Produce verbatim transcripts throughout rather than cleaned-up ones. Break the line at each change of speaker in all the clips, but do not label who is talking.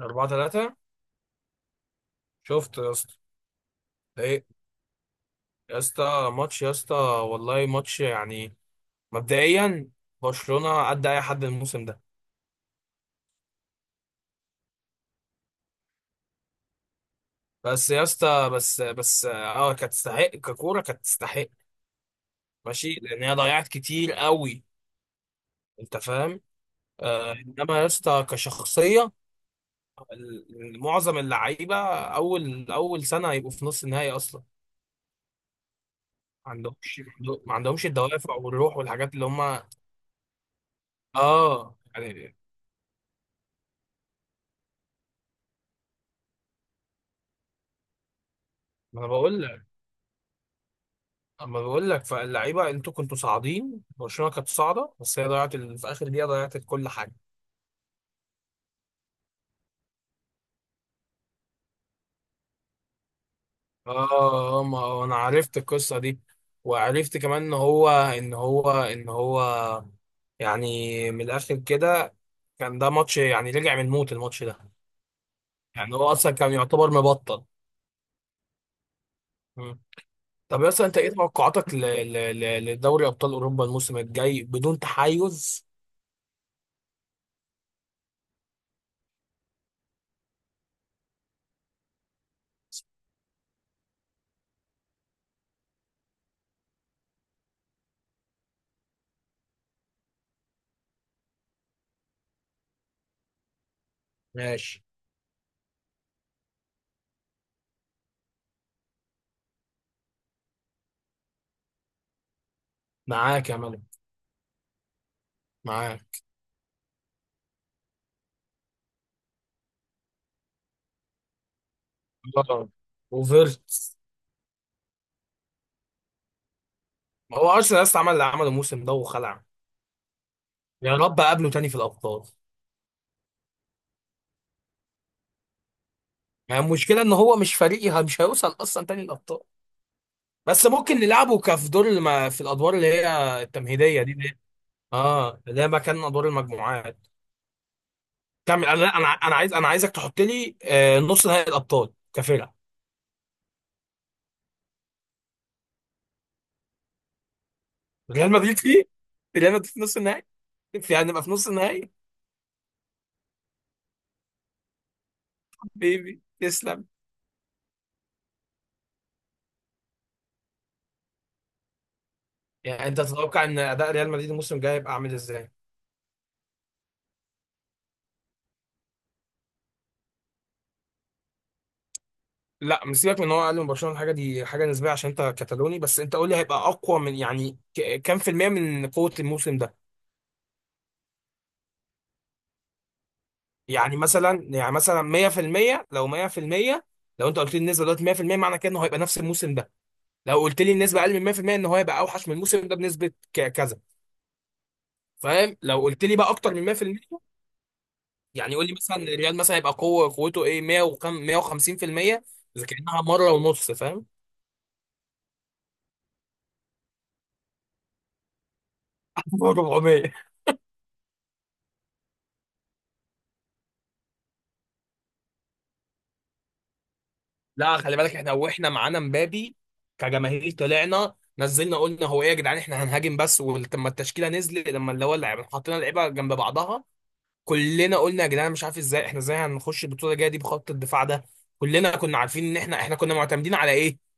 أربعة تلاتة. شفت يا اسطى؟ ده إيه يا اسطى؟ ماتش يا اسطى. والله ماتش يعني. مبدئيا، برشلونة قد أي حد الموسم ده. بس يا اسطى، بس بس اه كانت تستحق، ككورة كانت تستحق. ماشي، لأن هي ضيعت كتير قوي. أنت فاهم؟ آه إنما يا اسطى كشخصية، ال- معظم اللعيبة أول أول سنة هيبقوا في نص النهائي أصلا. ما عندهمش ما عندهمش الدوافع والروح والحاجات اللي هما، اه يعني. ما انا بقول، اما بقول لك، فاللعيبه انتوا كنتوا صاعدين، برشلونه كانت صاعده، بس هي ضيعت ال- في اخر دقيقه ضيعت كل حاجه. اه ما هو انا عرفت القصه دي، وعرفت كمان ان هو ان هو ان هو يعني من الاخر كده كان ده ماتش يعني رجع من الموت الماتش ده. يعني هو اصلا كان يعتبر مبطل. مم. طب اصلا انت ايه توقعاتك ل- ل- ل- لدوري ابطال اوروبا الموسم الجاي بدون تحيز؟ ماشي. معاك يا ملك. معاك. آه. وفيرتس. ما هو ارسنال لسه عمل اللي عمله الموسم ده وخلع. يا رب اقابله تاني في الابطال. يعني المشكله ان هو مش فريقي، مش هيوصل اصلا تاني الابطال. بس ممكن نلعبه كف دور الم- في الادوار اللي هي التمهيديه دي، اللي اه اللي هي مكان ادوار المجموعات. تعمل، انا انا انا عايز انا عايزك تحط لي، آه، نص نهائي الابطال كفرقه. ريال مدريد فيه ريال مدريد في نص النهائي. في هنبقى في نص النهائي. بيبي تسلم. يعني انت تتوقع ان اداء ريال مدريد الموسم الجاي هيبقى عامل ازاي؟ لا مش، سيبك من ان هو اقل من برشلونه، الحاجه دي حاجه نسبيه عشان انت كتالوني، بس انت قول لي هيبقى اقوى من يعني ك- كام في الميه من قوه الموسم ده. يعني مثلا يعني مثلا مية في المية لو مية في المية، لو انت قلت لي النسبه دلوقتي مية في المية معنى كده انه هيبقى نفس الموسم ده. لو قلت لي النسبه اقل من مية في المية ان هو هيبقى اوحش من الموسم ده بنسبه ك- كذا. فاهم؟ لو قلت لي بقى اكتر من مية في المية، يعني قول لي مثلا الريال مثلا هيبقى قوه قوته ايه، مية وكام، مية وخمسين في المية؟ اذا كانها مره ونص، فاهم؟ اربعمية. لا خلي بالك، احنا واحنا معانا مبابي كجماهير، طلعنا نزلنا قلنا هو ايه يا جدعان احنا هنهاجم بس، ولما التشكيله نزلت، لما اللي هو اللعيبه، حطينا اللعيبه جنب بعضها، كلنا قلنا يا جدعان مش عارف ازاي، احنا ازاي هنخش البطوله الجايه دي بخط الدفاع ده. كلنا كنا عارفين ان احنا احنا كنا معتمدين على ايه،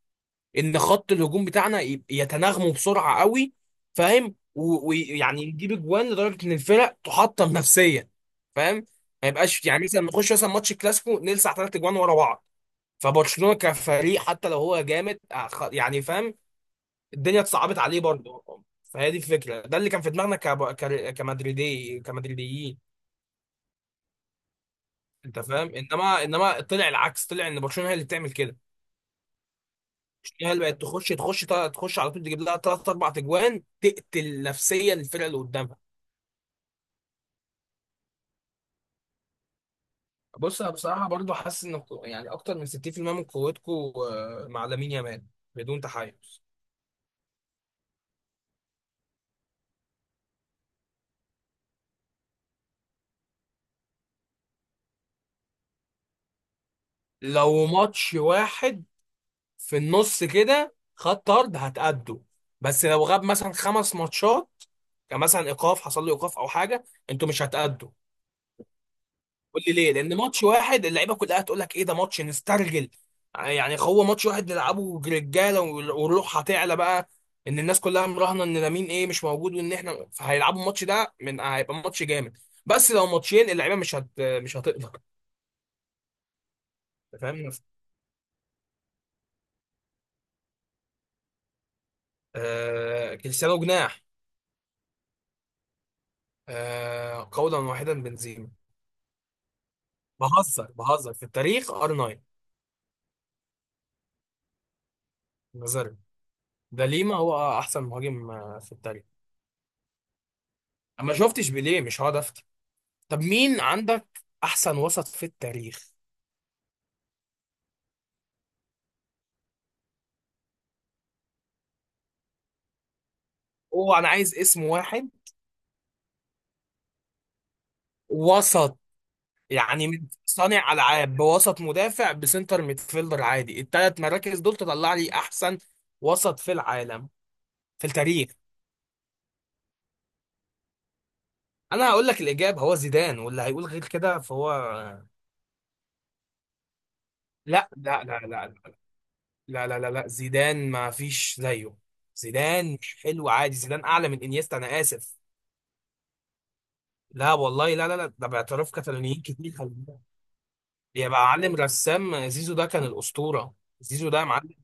ان خط الهجوم بتاعنا ي- يتناغموا بسرعه قوي، فاهم؟ و- ويعني يجيب اجوان لدرجه ان الفرق تحطم نفسيا، فاهم؟ ما يبقاش يعني مثلا نخش مثلا ماتش كلاسيكو نلسع ثلاث اجوان ورا بعض. فبرشلونة كفريق حتى لو هو جامد أخ- يعني، فاهم، الدنيا اتصعبت عليه برضه. فهي دي الفكرة، ده اللي كان في دماغنا كب... كر- كمدريدي، كمدريديين. انت فاهم؟ انما، انما طلع العكس، طلع ان برشلونة هي اللي بتعمل كده. برشلونة هي اللي بقت تخش تخش تخش على طول، تجيب لها ثلاث اربع تجوان، تقتل نفسيا الفرقة اللي قدامها. بص انا بصراحة برضه حاسس ان يعني اكتر من ستين في المية من قوتكم مع لامين يامال، بدون تحيز. لو ماتش واحد في النص كده خد طرد هتأدوا، بس لو غاب مثلا خمس ماتشات، يعني مثلا ايقاف حصل له ايقاف او حاجه، انتوا مش هتأدوا. قول لي ليه، لان ماتش واحد اللعيبه كلها هتقول لك ايه ده، ماتش نسترجل، يعني هو ماتش واحد نلعبه رجاله والروح هتعلى بقى، ان الناس كلها مراهنه ان لامين ايه مش موجود، وان احنا، فهيلعبوا الماتش ده من هيبقى ماتش جامد. بس لو ماتشين اللعيبه مش هت مش هتقدر. أنت فاهم؟ آه... كريستيانو جناح. آه... قولا واحدا بنزيما. بهزر بهزر، في التاريخ ار تسعة، نظري. ده ليما هو احسن مهاجم آه، في التاريخ. اما شفتش بيليه، مش هقعد افتي. طب مين عندك احسن وسط في التاريخ؟ هو انا عايز اسم واحد. وسط، يعني من صانع العاب، بوسط مدافع، بسنتر ميدفيلدر، عادي، الثلاث مراكز دول تطلع لي احسن وسط في العالم، في التاريخ. انا هقول لك الاجابه، هو زيدان، واللي هيقول غير كده فهو آه، لا لا لا لا لا لا لا لا، زيدان ما فيش زيه. زيدان مش حلو عادي، زيدان اعلى من انيستا، انا اسف. لا والله، لا لا لا، ده باعتراف كاتالونيين كتير، خلي بالك. يبقى معلم رسام، زيزو ده كان الاسطوره. زيزو ده يا معلم.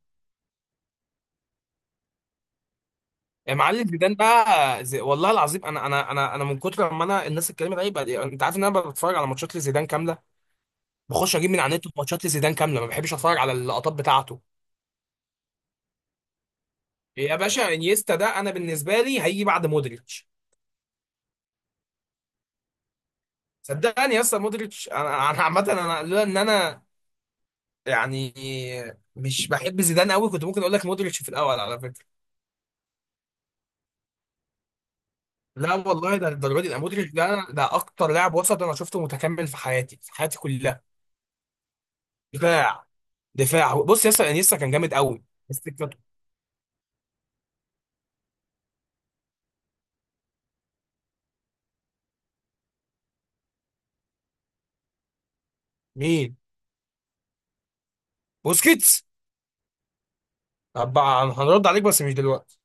يا معلم زيدان بقى زي... والله العظيم، انا انا انا انا من كتر ما انا الناس اتكلمت عليه بقى، انت عارف ان انا بتفرج على ماتشات لزيدان كامله، بخش اجيب من على النت ماتشات لزيدان كامله، ما بحبش اتفرج على اللقطات بتاعته. يا باشا، انيستا ده انا بالنسبه لي هيجي بعد مودريتش. صدقني يا اسطى، مودريتش، انا، انا عامه انا، لولا ان انا يعني مش بحب زيدان قوي، كنت ممكن اقول لك مودريتش في الاول، على فكره. لا والله، ده الدرجه دي، ده مودريتش، ده ده اكتر لاعب وسط انا شفته متكامل في حياتي، في حياتي كلها. دفاع، دفاع، بص ياسر انيستا كان جامد قوي، بس فكرته. مين؟ بوسكيتس. طب بقى هنرد عليك بس مش دلوقتي.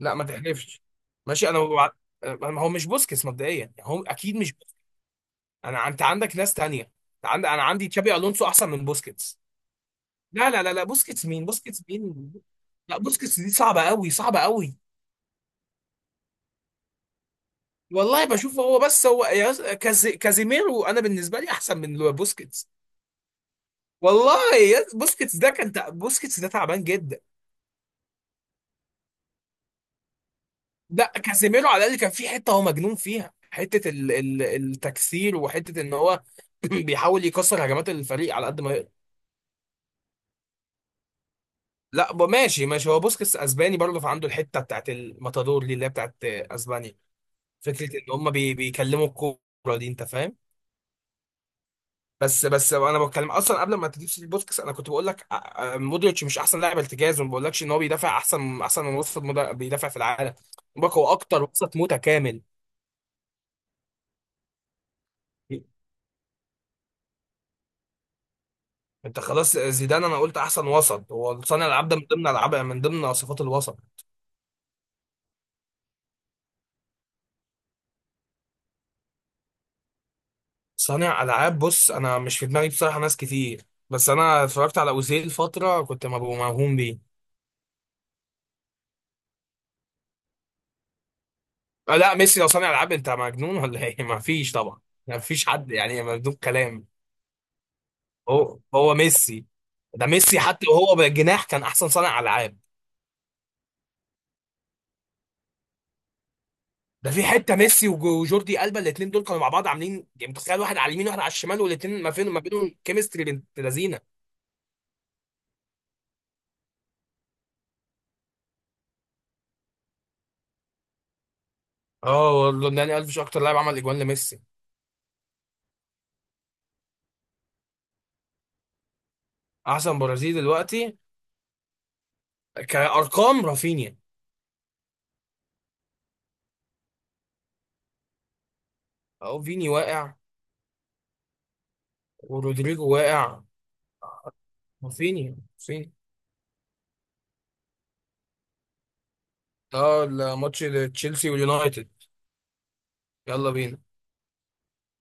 لا ما تحلفش. ماشي انا وع- ما هو مش بوسكيتس مبدئيا، يعني هو اكيد مش. انا انت عندك ناس تانية، أنت عند- انا عندي تشابي الونسو احسن من بوسكيتس. لا لا لا لا، بوسكيتس مين؟ بوسكيتس مين؟ لا بوسكيتس دي صعبة قوي، صعبة قوي. والله بشوف، هو بس هو، يا- كاز- كازيميرو انا بالنسبة لي احسن من بوسكيتس. والله يا- بوسكيتس ده كان تع- بوسكيتس ده تعبان جدا. لا كازيميرو على الاقل كان في حتة هو مجنون فيها، حتة ال ال التكسير، وحتة ان هو بيحاول يكسر هجمات الفريق على قد ما يقدر. لا ب- ماشي، ماشي، هو بوسكيتس اسباني برضه، فعنده الحتة بتاعت الماتادور دي اللي هي بتاعت اسبانيا، فكرة ان هم بي بيكلموا الكورة دي، انت فاهم؟ بس بس انا بتكلم اصلا قبل ما تجيب سيتي بوسكس، انا كنت بقول لك آه، آه، مودريتش مش احسن لاعب ارتكاز، وما بقولكش ان هو بيدافع احسن احسن من وسط مدا- بيدافع في العالم. بقول لك هو اكتر وسط متكامل. انت خلاص زيدان، انا قلت احسن وسط، هو صانع العاب ده من ضمن العاب من ضمن صفات الوسط. صانع العاب بص انا مش في دماغي بصراحه ناس كتير، بس انا اتفرجت على اوزيل فتره كنت مبقى موهوم بيه. آه، لا ميسي لو صانع العاب انت مجنون ولا ايه؟ ما فيش طبعا، ما فيش حد، يعني مجنون كلام. هو هو ميسي، ده ميسي حتى وهو بالجناح كان احسن صانع العاب. ده في حته ميسي وجو- وجوردي ألبا، الاثنين دول كانوا مع بعض عاملين يعني، متخيل واحد على اليمين واحد على الشمال، والاثنين ما فين ما بينهم كيمستري بنت لذينه. اه والله داني ألفيش اكتر لاعب عمل اجوان لميسي. احسن برازيلي دلوقتي؟ كارقام رافينيا. اهو فيني واقع ورودريجو واقع، رافينيا، رافينيا. اه الماتش، تشيلسي واليونايتد. يلا بينا.